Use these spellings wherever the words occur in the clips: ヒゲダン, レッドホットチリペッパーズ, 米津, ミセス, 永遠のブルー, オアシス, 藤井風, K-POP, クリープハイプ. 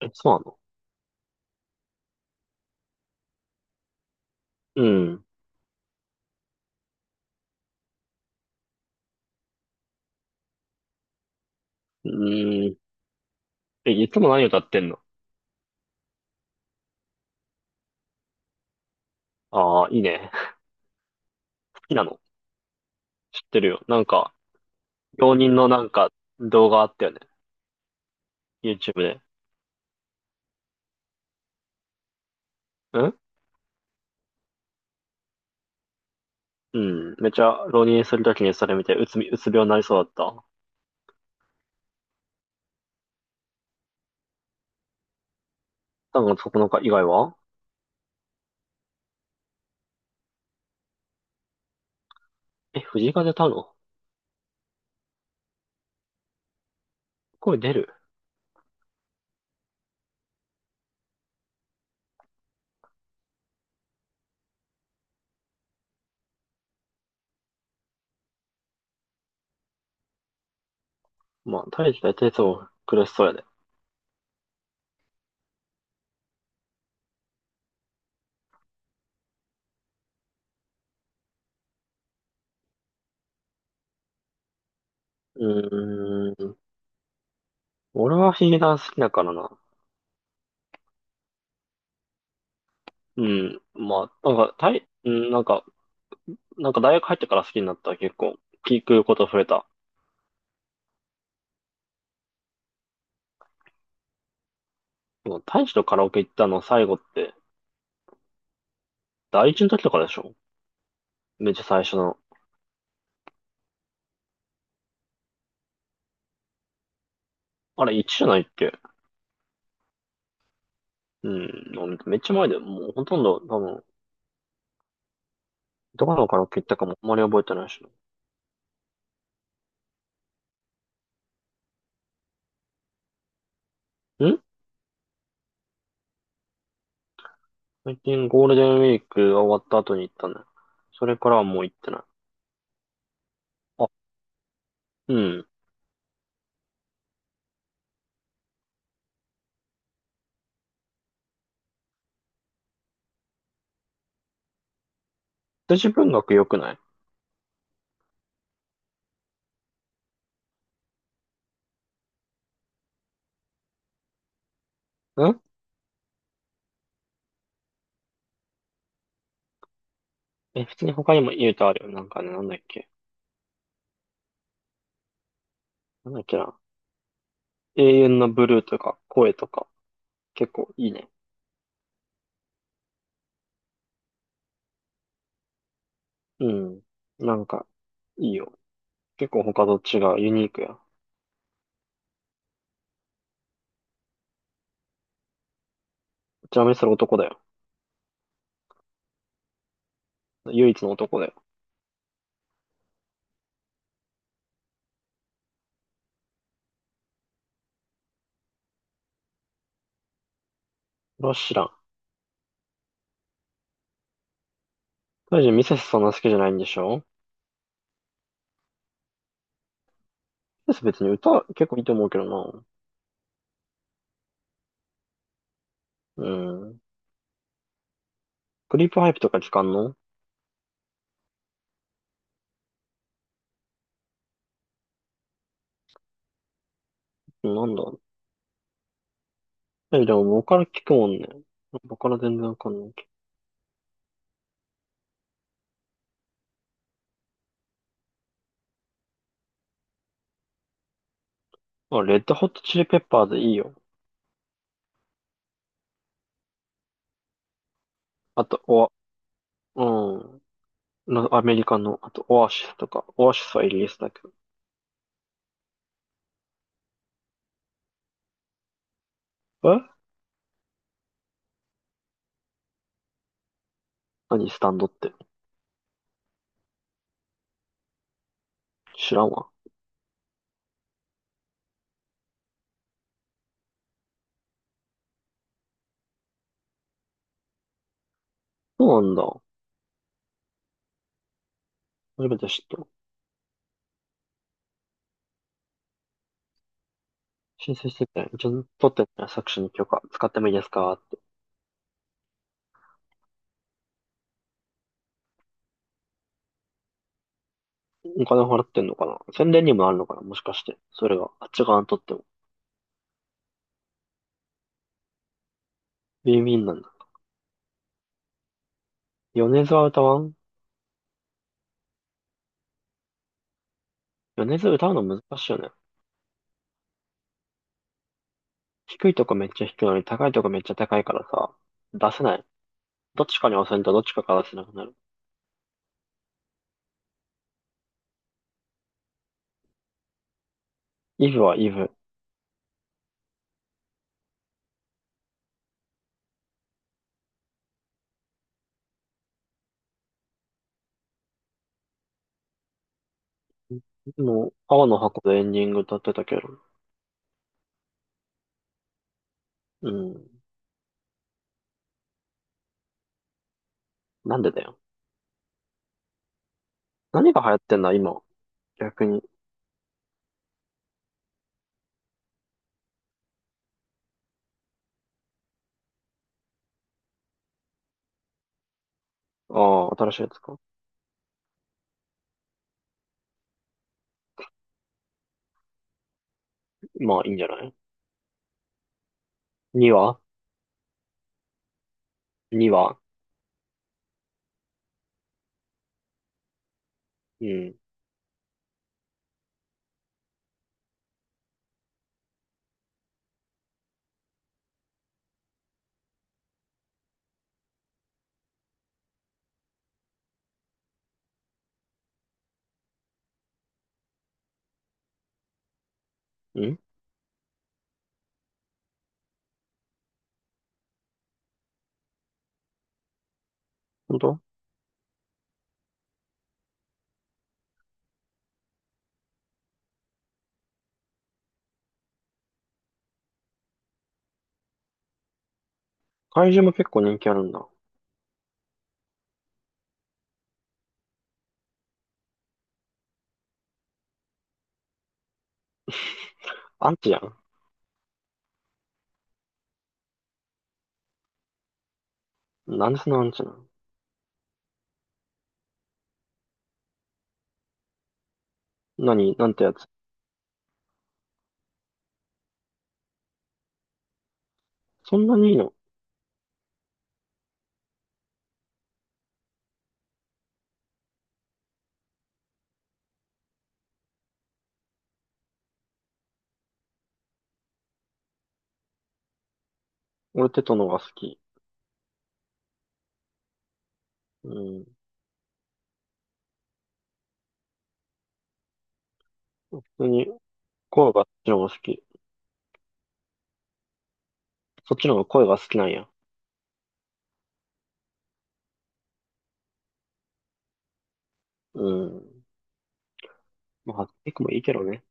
え、そうなの？うん。うん。え、いつも何歌ってんの？ああー、いいね。好きなの？知ってるよ。なんか、浪人のなんか動画あったよね。YouTube で。うんうん。めちゃ浪人するときにそれ見て、うつ病になりそうだった。そこのか以外は。え、藤井風歌うの？声出る？まあ、大してつも苦しそうやね。うーん。俺はヒゲダン好きだからな。うん。まあ、なんか、うん、なんか、大学入ってから好きになった。結構、聞くこと増えた。もう大使とカラオケ行ったの最後って、第一の時とかでしょ？めっちゃ最初の。あれ、1じゃないっけ？うん、もうめっちゃ前で、もうほとんど、多分、どこのカラオケ行ったかもあんまり覚えてないしな。最近ゴールデンウィークが終わった後に行ったね。それからはもう行ってない。あ、うん。私文学良くないん？え、普通に他にも言うとあるよ。なんかね、なんだっけ。なんだっけな。永遠のブルーとか、声とか、結構いいね。うん。なんか、いいよ。結構他と違う、ユニークや。ちなみにそれ男だよ。唯一の男だよ。それは知らん。大臣ミセスそんな好きじゃないんでしょ？ミセス別に歌結構いいと思うけどな。うん。クリープハイプとか聞かんの？なんだ。え、でも僕から聞くもんね。僕から全然わかんないけど。あ、レッドホットチリペッパーズいいよ。あと、うん。なアメリカの、あと、オアシスとか。オアシスはイギリスだけど。え？何スタンドって。知らんわ。そうなんだ。初めて知った。申請してて、ちゃんと取ってね、作詞に許可使ってもいいですかって。お金払ってんのかな？宣伝にもなるのかな？もしかして。それが、あっち側にとっても。ビンビンなんだ。米津は歌わん？米津歌うの難しいよね。低いとこめっちゃ低いのに高いとこめっちゃ高いからさ、出せない。どっちかに押せんとどっちかから出せなくなる。イブはイブ。もう、青の箱でエンディング歌ってたけど。うん。なんでだよ。何が流行ってんだ、今。逆に。ああ、新しいやつか。まあ、いいんじゃない？ 2 話？ 2 話。うん。ん、本当？怪獣も結構人気あるんだ。アンチやん。なんちなんちゃな。何なんてやつ。そんなにいいの？俺テトのが好き。うん。普通に声があっちの方が好き。そっちの方が声が好きなんや。うん。まあ、ハッックもいいけどね。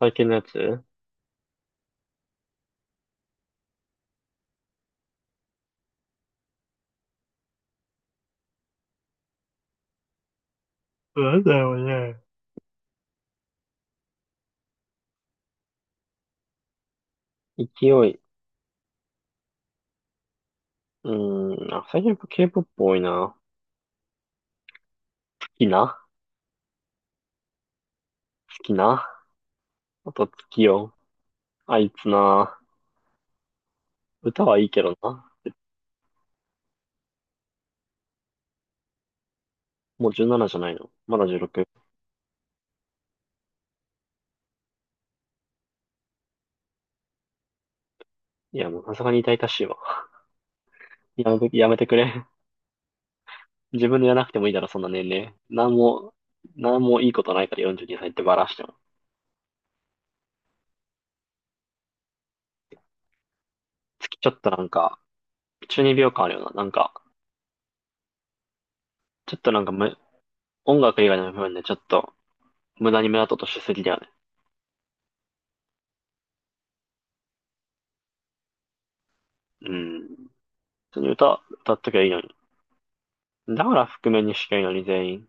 最近のやつなんだよね。勢い。うん。あ、最近やっぱ K-POP 多いな。きな好きな。あと月よ。あいつな。歌はいいけどな。もう17じゃないの。まだ16。いや、もうさすがに痛々しいわ。やめてくれ。自分でやらなくてもいいだろ、そんな年齢。なんもいいことないから42歳ってバラしても。月ちょっとなんか、中二病感あるよな。なんか、ちょっとなんか、音楽以外の部分でちょっと、無駄に目立とうとしすぎだよね。うん。普通に歌っときゃいいのに。だから覆面にしきゃいいのに全員。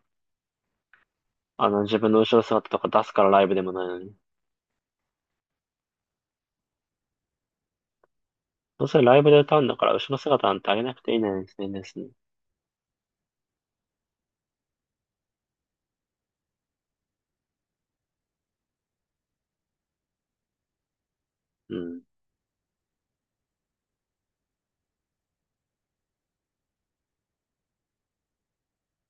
あの、自分の後ろ姿とか出すからライブでもないのに。どうせライブで歌うんだから後ろ姿なんてあげなくていいのに、全然。 うん。